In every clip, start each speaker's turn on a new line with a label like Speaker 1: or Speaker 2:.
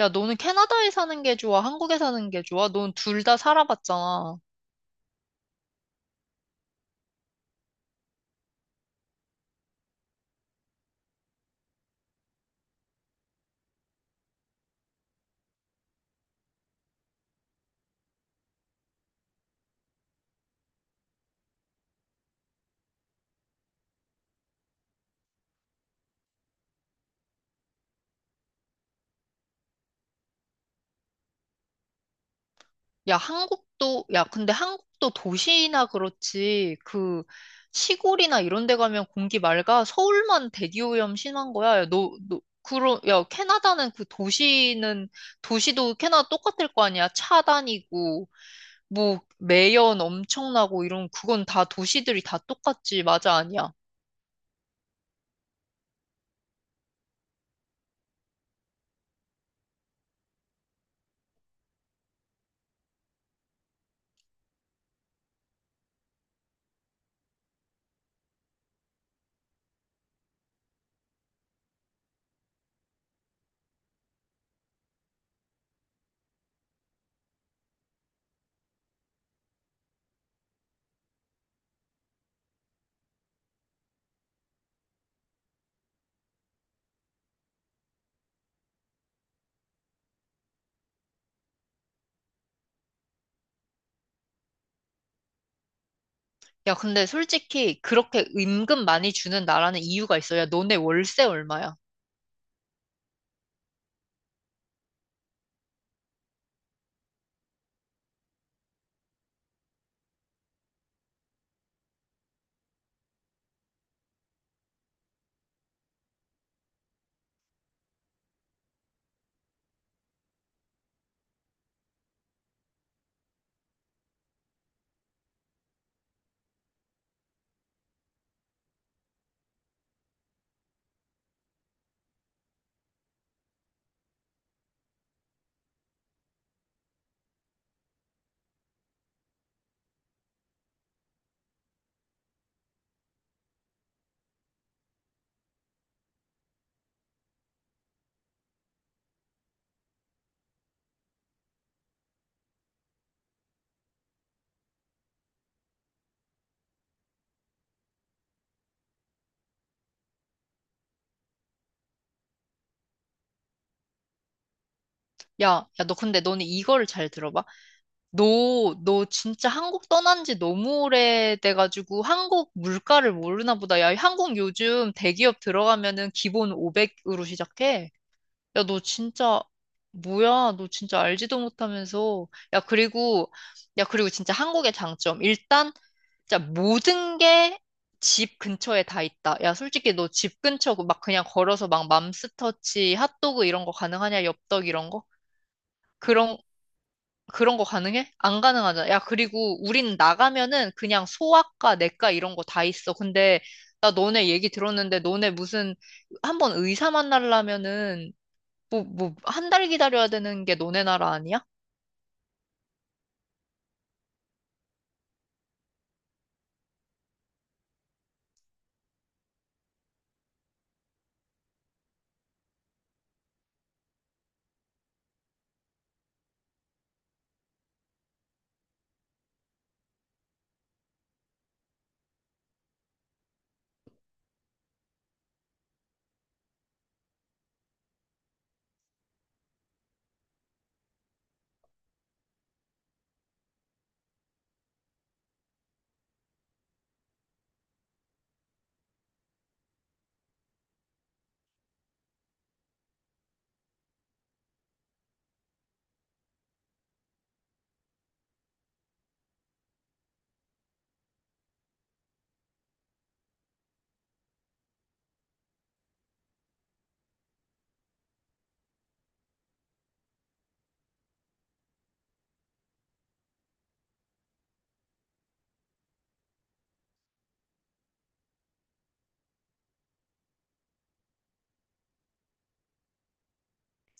Speaker 1: 야, 너는 캐나다에 사는 게 좋아? 한국에 사는 게 좋아? 넌 둘 다 살아봤잖아. 야, 한국도, 야, 근데 한국도 도시나 그렇지. 그, 시골이나 이런 데 가면 공기 맑아. 서울만 대기오염 심한 거야. 야, 그러, 야, 캐나다는 그 도시는, 도시도 캐나다 똑같을 거 아니야? 차 다니고, 뭐, 매연 엄청나고 이런, 그건 다 도시들이 다 똑같지. 맞아, 아니야? 야, 근데 솔직히 그렇게 임금 많이 주는 나라는 이유가 있어. 야, 너네 월세 얼마야? 야, 야, 너 근데 너는 이거를 잘 들어봐. 너 진짜 한국 떠난 지 너무 오래돼가지고 한국 물가를 모르나 보다. 야, 한국 요즘 대기업 들어가면은 기본 500으로 시작해. 야, 너 진짜, 뭐야? 너 진짜 알지도 못하면서. 야, 그리고, 야, 그리고 진짜 한국의 장점. 일단, 진짜 모든 게 집 근처에 다 있다. 야, 솔직히 너 집 근처 막 그냥 걸어서 막 맘스터치, 핫도그 이런 거 가능하냐? 엽떡 이런 거? 그런, 그런 거 가능해? 안 가능하잖아. 야, 그리고 우린 나가면은 그냥 소아과, 내과 이런 거 다 있어. 근데, 나 너네 얘기 들었는데, 너네 무슨, 한번 의사 만나려면은 한 달 기다려야 되는 게 너네 나라 아니야?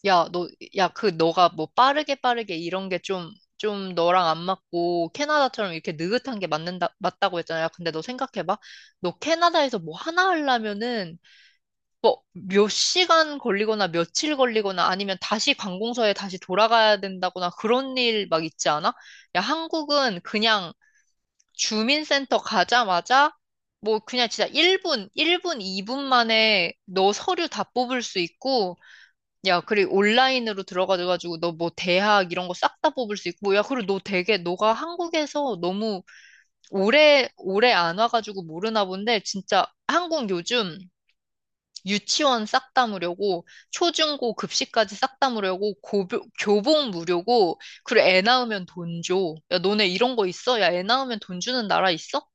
Speaker 1: 야, 너, 야, 그, 너가 뭐 빠르게 빠르게 이런 게 좀, 좀 너랑 안 맞고, 캐나다처럼 이렇게 느긋한 게 맞는다, 맞다고 했잖아. 야, 근데 너 생각해봐. 너 캐나다에서 뭐 하나 하려면은, 뭐, 몇 시간 걸리거나 며칠 걸리거나 아니면 다시 관공서에 다시 돌아가야 된다거나 그런 일 막 있지 않아? 야, 한국은 그냥 주민센터 가자마자 뭐 그냥 진짜 1분, 2분 만에 너 서류 다 뽑을 수 있고 야, 그리고 온라인으로 들어가가지고 너 뭐 대학 이런 거 싹 다 뽑을 수 있고 야, 그리고 너 되게 너가 한국에서 너무 오래 오래 안 와가지고 모르나 본데 진짜 한국 요즘 유치원 싹 다 무료고 초중고 급식까지 싹 다 무료고 고교, 교복 무료고 그리고 애 낳으면 돈 줘. 야, 너네 이런 거 있어? 야, 애 낳으면 돈 주는 나라 있어?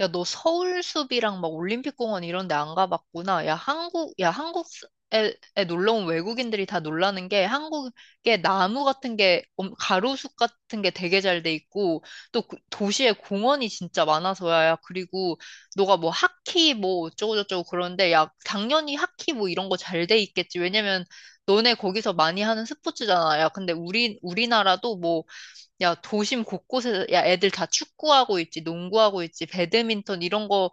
Speaker 1: 야, 너 서울숲이랑 막 올림픽공원 이런 데 안 가봤구나. 야, 한국, 야, 한국에 에 놀러 온 외국인들이 다 놀라는 게 한국에 나무 같은 게, 가로수 같은 게 되게 잘 돼 있고, 또 도시에 공원이 진짜 많아서야. 야, 그리고 너가 뭐 하키 뭐 어쩌고저쩌고 그러는데, 야, 당연히 하키 뭐 이런 거 잘 돼 있겠지. 왜냐면 너네 거기서 많이 하는 스포츠잖아. 야, 근데 우리나라도 뭐 야, 도심 곳곳에, 야, 애들 다 축구하고 있지, 농구하고 있지, 배드민턴 이런 거,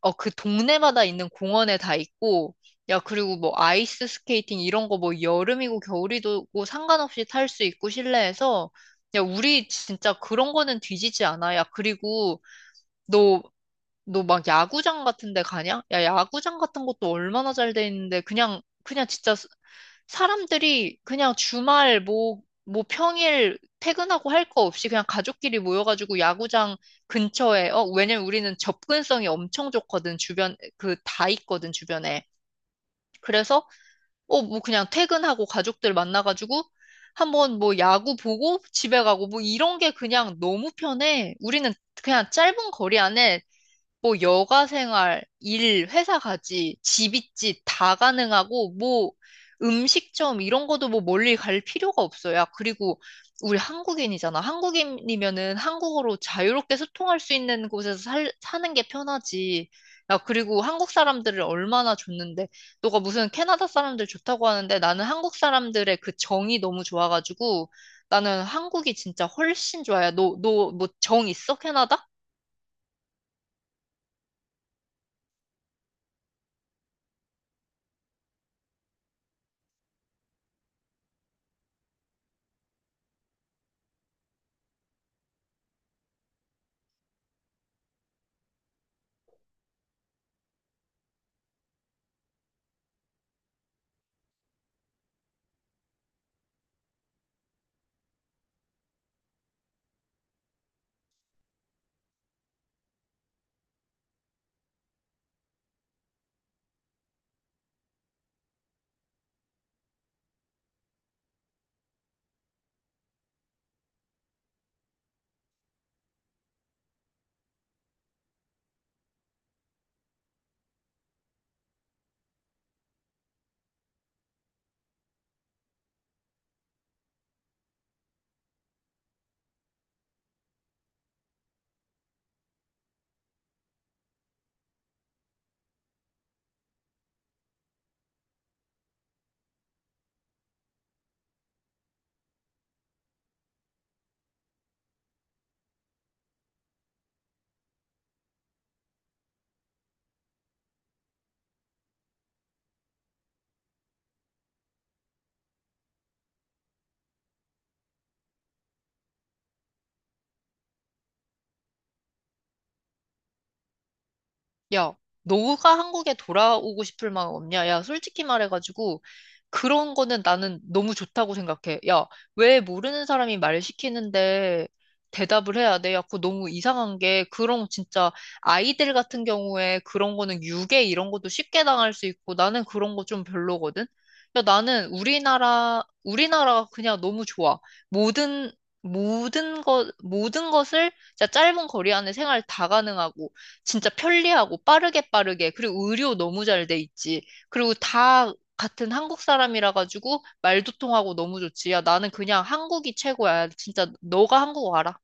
Speaker 1: 어, 그 동네마다 있는 공원에 다 있고, 야, 그리고 뭐 아이스 스케이팅 이런 거 뭐 여름이고 겨울이고 상관없이 탈 수 있고 실내에서, 야, 우리 진짜 그런 거는 뒤지지 않아. 야, 그리고 너, 너 막 야구장 같은 데 가냐? 야, 야구장 같은 것도 얼마나 잘 돼 있는데, 그냥 진짜 사람들이 그냥 주말 뭐 평일 퇴근하고 할 거 없이 그냥 가족끼리 모여가지고 야구장 근처에, 어, 왜냐면 우리는 접근성이 엄청 좋거든, 주변, 그 다 있거든, 주변에. 그래서, 어, 뭐 그냥 퇴근하고 가족들 만나가지고 한번 뭐 야구 보고 집에 가고 뭐 이런 게 그냥 너무 편해. 우리는 그냥 짧은 거리 안에 뭐 여가 생활, 일, 회사까지, 집있짓다 가능하고 뭐 음식점 이런 것도 뭐 멀리 갈 필요가 없어요. 그리고 우리 한국인이잖아. 한국인이면은 한국어로 자유롭게 소통할 수 있는 곳에서 사는 게 편하지. 야, 그리고 한국 사람들을 얼마나 좋는데, 너가 무슨 캐나다 사람들 좋다고 하는데 나는 한국 사람들의 그 정이 너무 좋아가지고 나는 한국이 진짜 훨씬 좋아요. 너, 너 뭐 정 있어? 캐나다? 야, 너가 한국에 돌아오고 싶을 마음 없냐? 야, 솔직히 말해가지고, 그런 거는 나는 너무 좋다고 생각해. 야, 왜 모르는 사람이 말 시키는데 대답을 해야 돼? 야, 그거 너무 이상한 게, 그런 진짜 아이들 같은 경우에 그런 거는 유괴 이런 것도 쉽게 당할 수 있고, 나는 그런 거 좀 별로거든? 야, 나는 우리나라가 그냥 너무 좋아. 모든, 모든 것을 진짜 짧은 거리 안에 생활 다 가능하고, 진짜 편리하고 빠르게 빠르게 그리고 의료 너무 잘 돼 있지. 그리고 다 같은 한국 사람이라 가지고 말도 통하고 너무 좋지. 야, 나는 그냥 한국이 최고야. 진짜 너가 한국 와라.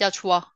Speaker 1: 야, 좋아.